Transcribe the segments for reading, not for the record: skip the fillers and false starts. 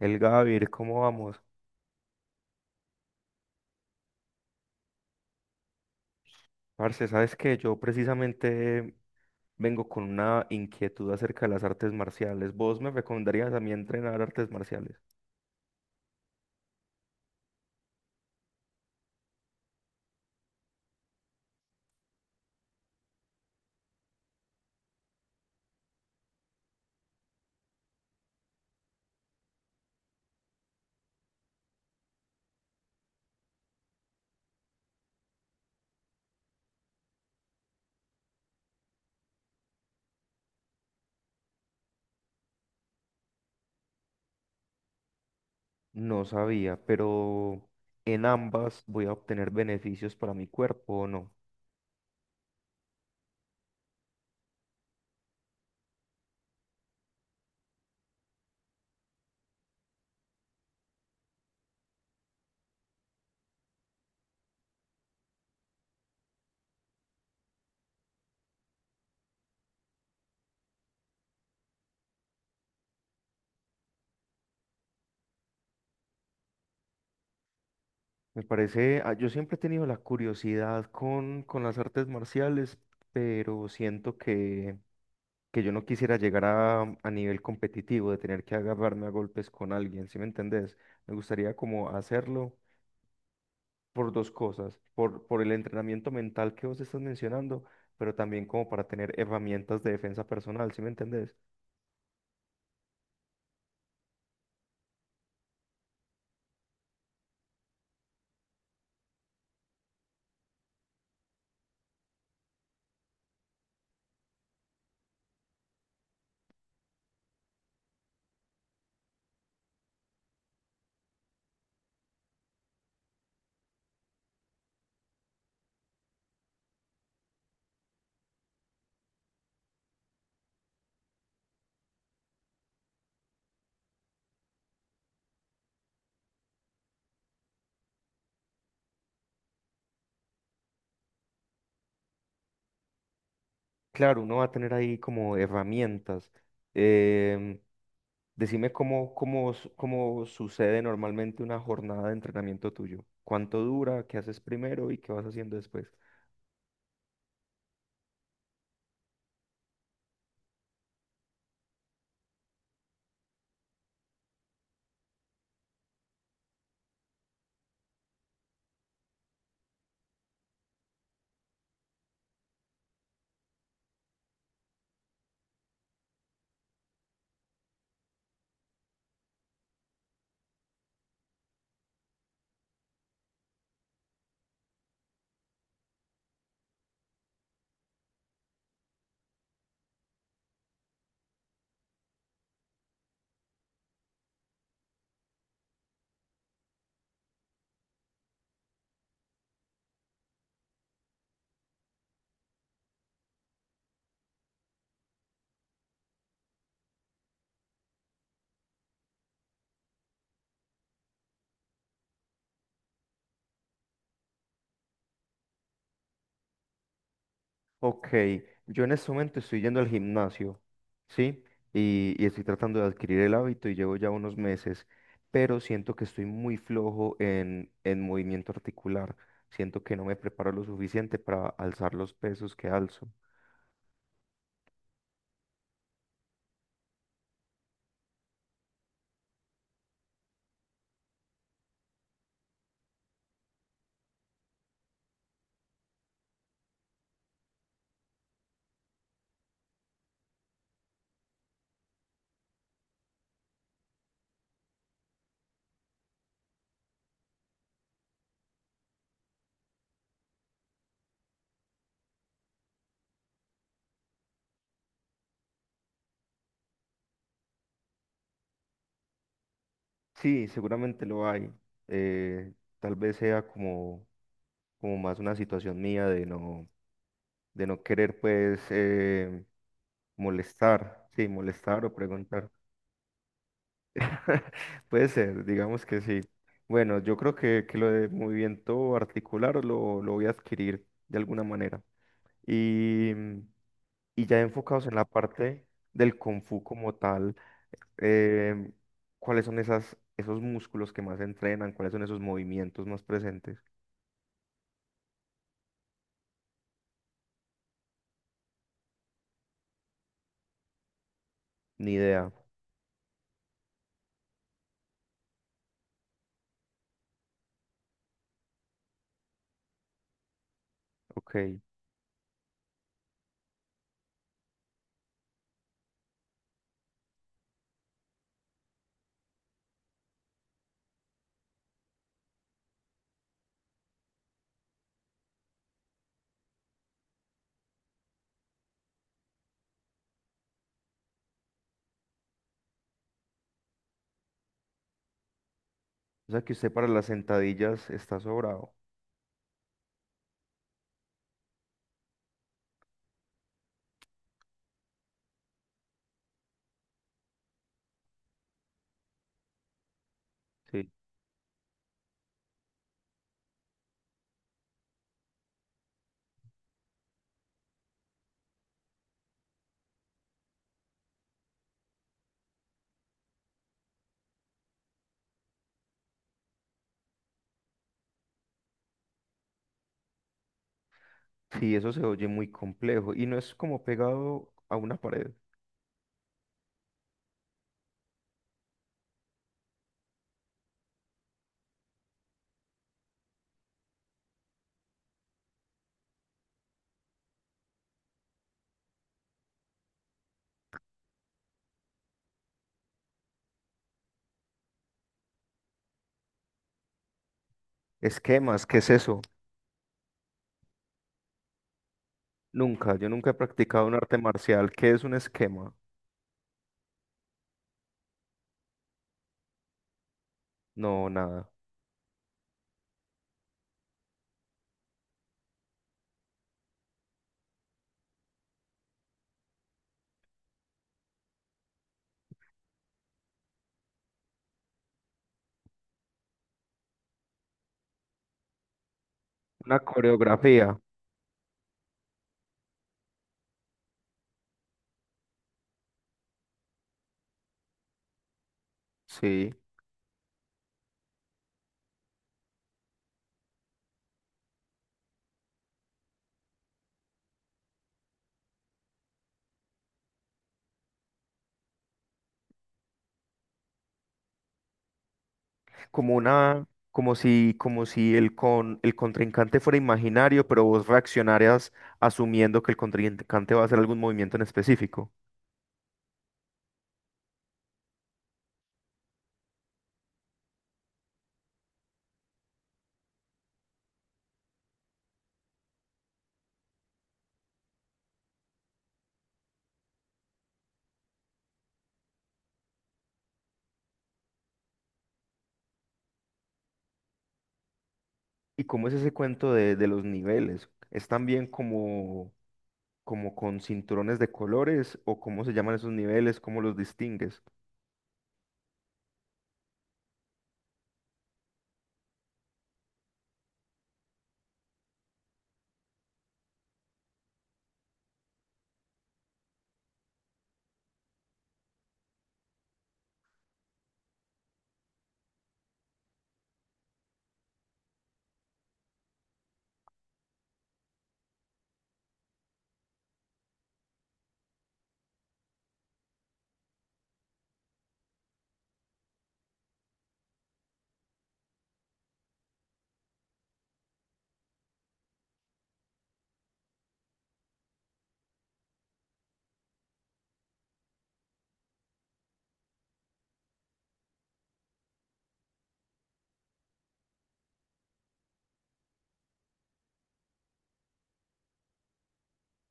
El Gavir, ¿cómo vamos? Parce, ¿sabes qué? Yo precisamente vengo con una inquietud acerca de las artes marciales. ¿Vos me recomendarías a mí entrenar artes marciales? No sabía, pero en ambas voy a obtener beneficios para mi cuerpo o no. Me parece, ah, yo siempre he tenido la curiosidad con las artes marciales, pero siento que yo no quisiera llegar a nivel competitivo de tener que agarrarme a golpes con alguien, ¿sí me entendés? Me gustaría como hacerlo por dos cosas, por el entrenamiento mental que vos estás mencionando, pero también como para tener herramientas de defensa personal, ¿sí me entendés? Claro, uno va a tener ahí como herramientas. Em, Decime cómo sucede normalmente una jornada de entrenamiento tuyo. ¿Cuánto dura? ¿Qué haces primero y qué vas haciendo después? Ok, yo en este momento estoy yendo al gimnasio, ¿sí? Y estoy tratando de adquirir el hábito y llevo ya unos meses, pero siento que estoy muy flojo en, movimiento articular. Siento que no me preparo lo suficiente para alzar los pesos que alzo. Sí, seguramente lo hay. eh, Tal vez sea como, como más una situación mía de no querer, pues, molestar, sí, molestar o preguntar. Puede ser, digamos que sí. Bueno, yo creo que lo de movimiento articular lo voy a adquirir de alguna manera. Y, y ya enfocados en la parte del Kung Fu como tal, eh, ¿cuáles son esas, esos músculos que más entrenan? ¿Cuáles son esos movimientos más presentes? Ni idea. Ok. O sea que usted para las sentadillas está sobrado. Sí. Sí, eso se oye muy complejo y no es como pegado a una pared. Esquemas, ¿qué es eso? Nunca, yo nunca he practicado un arte marcial. ¿Qué es un esquema? No, nada. Una coreografía, sí. Como una, como si el con, el contrincante fuera imaginario, pero vos reaccionarías asumiendo que el contrincante va a hacer algún movimiento en específico. ¿Y cómo es ese cuento de los niveles? ¿Es también como, como con cinturones de colores o cómo se llaman esos niveles? ¿Cómo los distingues?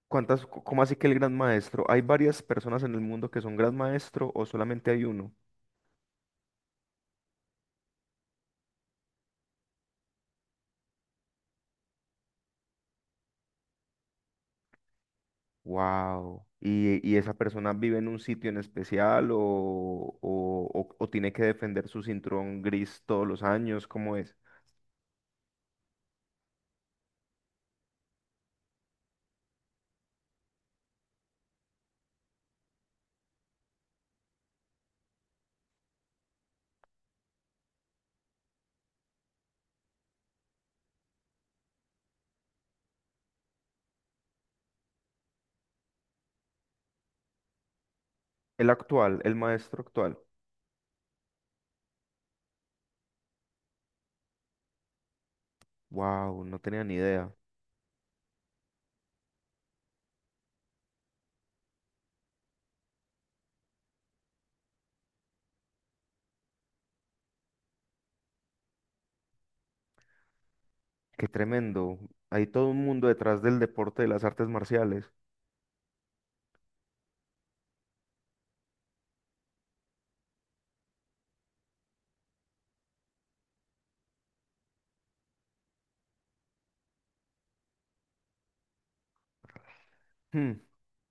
¿Cuántas, c- cómo así que el gran maestro? ¿Hay varias personas en el mundo que son gran maestro o solamente hay uno? Wow. ¿Esa persona vive en un sitio en especial o tiene que defender su cinturón gris todos los años? ¿Cómo es? El actual, el maestro actual. Wow, no tenía ni idea. Qué tremendo. Hay todo un mundo detrás del deporte de las artes marciales. Hmm,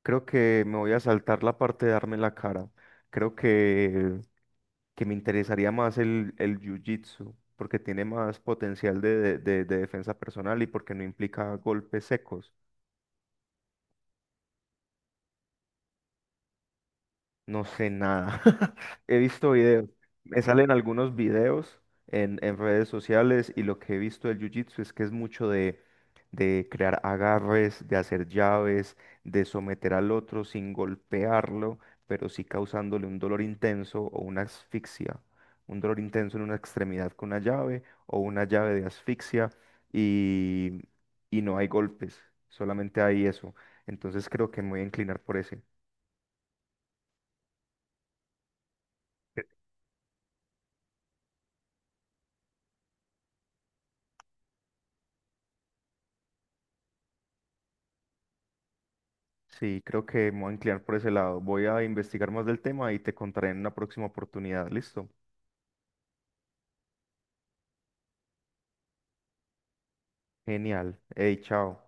creo que me voy a saltar la parte de darme en la cara. Creo que me interesaría más el jiu-jitsu, porque tiene más potencial de, de defensa personal y porque no implica golpes secos. No sé nada. He visto videos. Me salen algunos videos en redes sociales y lo que he visto del jiu-jitsu es que es mucho de crear agarres, de hacer llaves, de someter al otro sin golpearlo, pero sí causándole un dolor intenso o una asfixia. Un dolor intenso en una extremidad con una llave o una llave de asfixia y, y no hay golpes, solamente hay eso. Entonces creo que me voy a inclinar por ese. Sí, creo que me voy a inclinar por ese lado. Voy a investigar más del tema y te contaré en una próxima oportunidad. ¿Listo? Genial. Hey, chao.